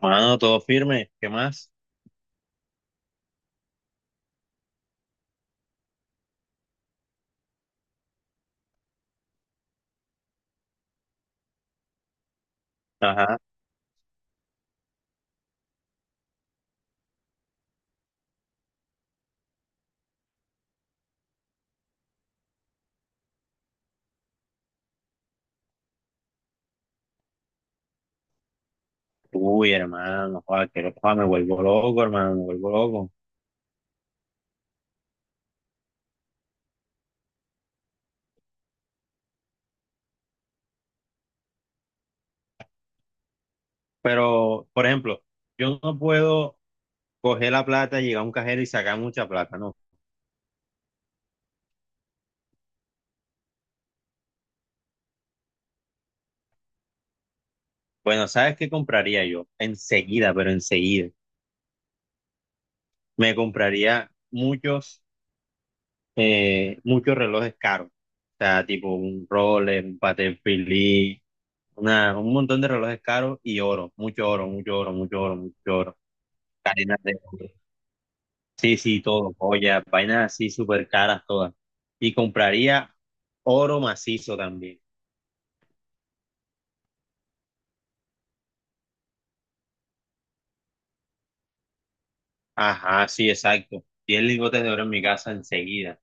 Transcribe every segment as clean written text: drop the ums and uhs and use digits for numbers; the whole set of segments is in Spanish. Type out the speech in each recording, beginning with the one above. Mano, todo firme, ¿qué más? Ajá. Uy, hermano, joder, que joder, me vuelvo loco, hermano, me vuelvo loco. Pero, por ejemplo, yo no puedo coger la plata, llegar a un cajero y sacar mucha plata, ¿no? Bueno, ¿sabes qué compraría yo? Enseguida, pero enseguida. Me compraría muchos, muchos relojes caros. O sea, tipo un Rolex, un Patek Philippe, un montón de relojes caros y oro, mucho oro, mucho oro, mucho oro, mucho oro. Cadenas de oro. Sí, sí, todo, joya, vainas así súper caras todas. Y compraría oro macizo también. Ajá, sí, exacto. 10 lingotes de oro en mi casa enseguida.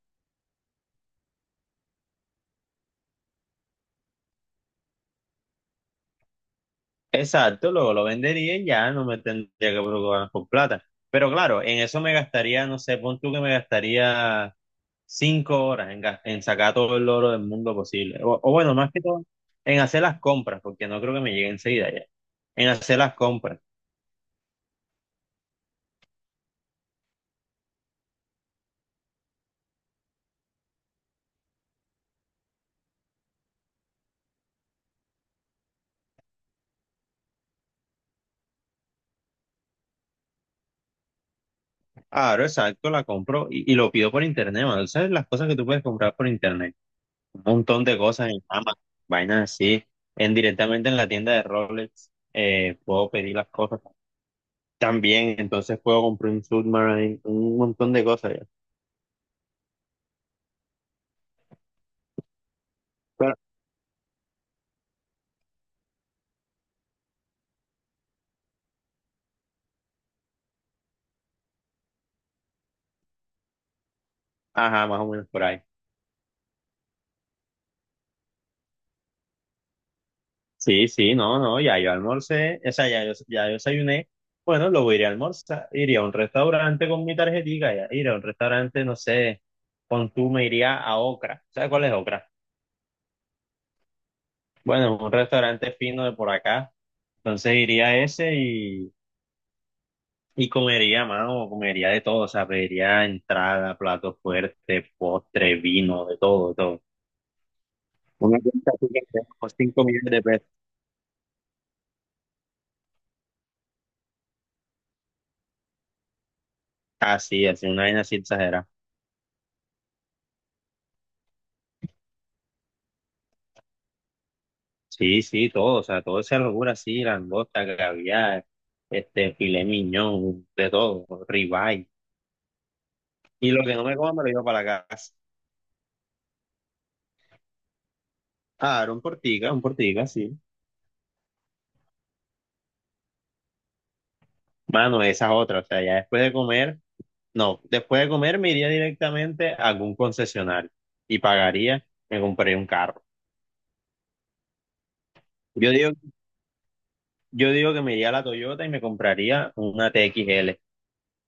Exacto, luego lo vendería y ya no me tendría que preocupar por plata. Pero claro, en eso me gastaría, no sé, pon tú que me gastaría 5 horas en, en sacar todo el oro del mundo posible. O bueno, más que todo, en hacer las compras, porque no creo que me llegue enseguida ya. En hacer las compras. Claro, exacto, la compro y lo pido por internet, mano. ¿Sabes las cosas que tú puedes comprar por internet? Un montón de cosas en Amazon, vainas así, en, directamente en la tienda de Rolex, puedo pedir las cosas también, entonces puedo comprar un Submarine, un montón de cosas ya. Pero, ajá, más o menos por ahí. Sí, sí, no, no, ya yo almorcé, o sea, ya yo desayuné, bueno, luego iré a almorzar, iré a un restaurante con mi tarjetita, ya, iré a un restaurante, no sé, con tú me iría a Ocra, ¿sabes cuál es Ocra? Bueno, un restaurante fino de por acá. Entonces iría a ese y comería, mano, comería de todo. O sea, pediría entrada, plato fuerte, postre, vino, de todo, de todo. Una cuenta así que sea como 5 millones de pesos. Así, así, una vaina así exagerada. Sí, sí, todo, o sea, todo esa locura así, langosta, caviar, filet mignon, de todo, ribeye. Y lo que no me coma me lo llevo para la casa. Ah, era un portica, sí. Mano, esa es otra, o sea, ya después de comer. No, después de comer me iría directamente a algún concesionario y pagaría, me compraría un carro. Yo digo, yo digo que me iría a la Toyota y me compraría una TXL,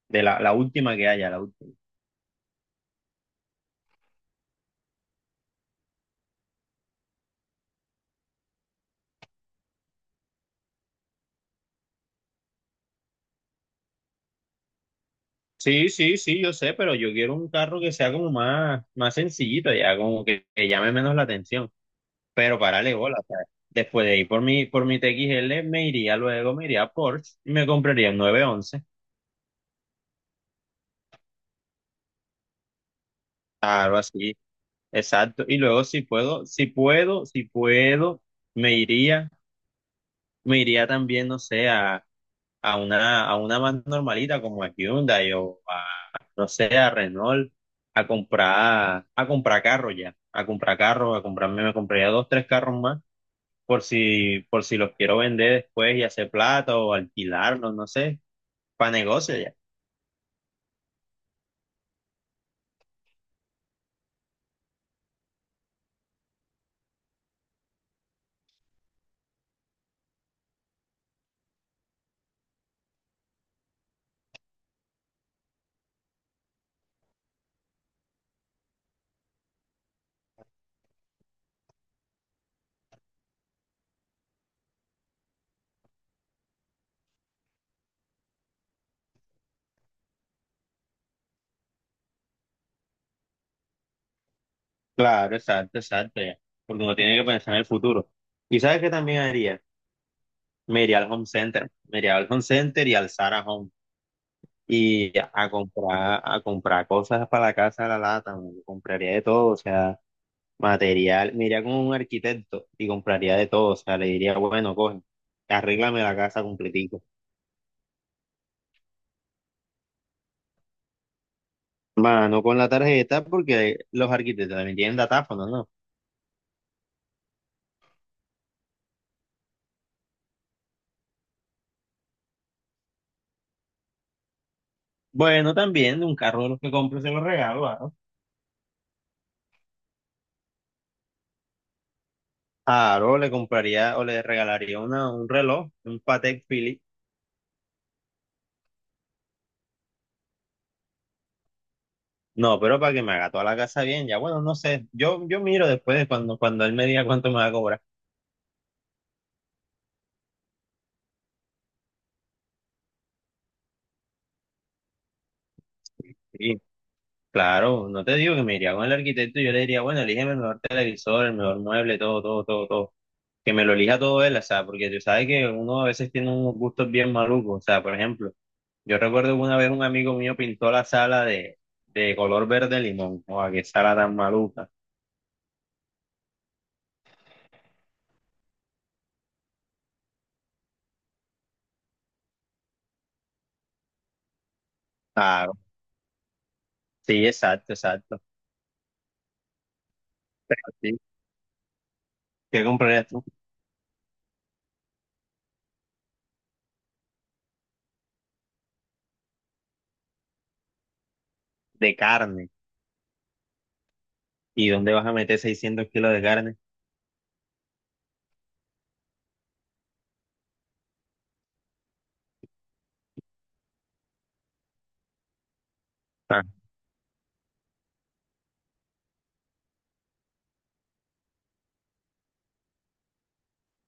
de la última que haya, la última. Sí, sí, sí, yo sé, pero yo quiero un carro que sea como más, más sencillito, ya como que llame menos la atención. Pero párale bola, o sea, después de ir por mi TXL me iría luego, me iría a Porsche y me compraría un nueve once, algo así. Exacto. Y luego si puedo, me iría, me iría también, no sé, a una más normalita como a Hyundai o no sé, a Renault, a comprar carro ya, a comprar carro, me compraría dos, tres carros más por si los quiero vender después y hacer plata o alquilarlos, no sé, para negocio ya. Claro, exacto, exacto ya. Porque uno tiene que pensar en el futuro. ¿Y sabes qué también haría? Me iría al home center, me iría al home center y al Zara Home y a comprar cosas para la casa de la lata, me compraría de todo, o sea, material, me iría con un arquitecto y compraría de todo, o sea, le diría, bueno, coge, arréglame la casa completico. Mano, con la tarjeta, porque los arquitectos también tienen datáfono, ¿no? Bueno, también un carro de los que compro se lo regalo, ¿no? Claro, le compraría o le regalaría un reloj, un Patek Philippe. No, pero para que me haga toda la casa bien, ya bueno, no sé, yo miro después de cuando, cuando él me diga cuánto me va a cobrar. Y claro, no te digo que me iría con el arquitecto y yo le diría, bueno, elígeme el mejor televisor, el mejor mueble, todo, todo, todo, todo. Que me lo elija todo él, o sea, porque tú sabes que uno a veces tiene unos gustos bien malucos. O sea, por ejemplo, yo recuerdo que una vez un amigo mío pintó la sala de color verde limón. O qué sala tan maluca. Claro, sí, exacto, exacto. Pero sí, ¿qué comprarías tú? De carne. ¿Y dónde vas a meter 600 kilos de carne?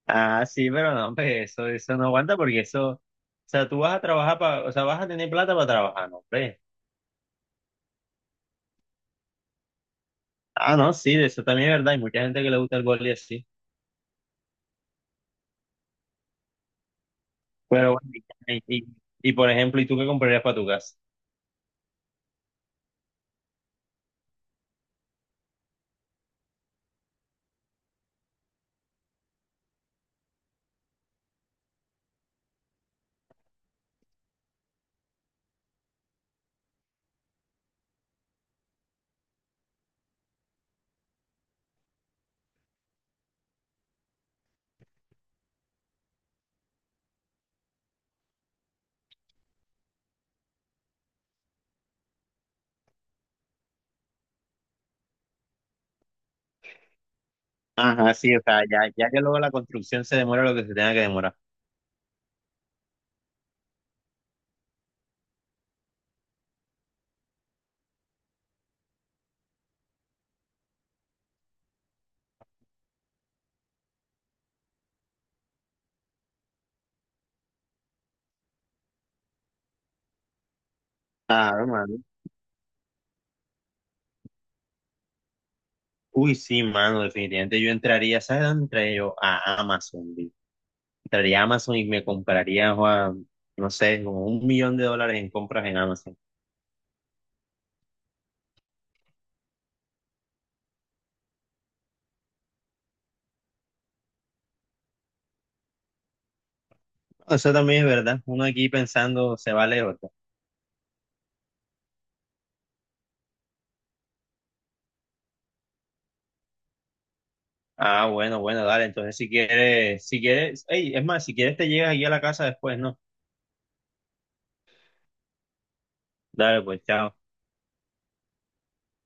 Ah, sí, pero no, pues eso no aguanta porque eso, o sea, tú vas a trabajar para, o sea, vas a tener plata para trabajar, no, hombre. Ah, no, sí, de eso también es verdad, hay mucha gente que le gusta el boli así, pero bueno, y, y, y, por ejemplo, ¿y tú qué comprarías para tu casa? Ajá, sí, o sea, ya, ya que luego la construcción se demora lo que se tenga que demorar. Claro, mano. Uy, sí, mano, definitivamente yo entraría, ¿sabes dónde entraría yo? A Amazon, vi. Entraría a Amazon y me compraría, Juan, no sé, como un millón de dólares en compras en Amazon. Eso también es verdad. Uno aquí pensando se vale otro. Ah, bueno, bueno, dale. Entonces, si quieres, si quieres, ey, es más, si quieres te llegas aquí a la casa después, ¿no? Dale, pues, chao.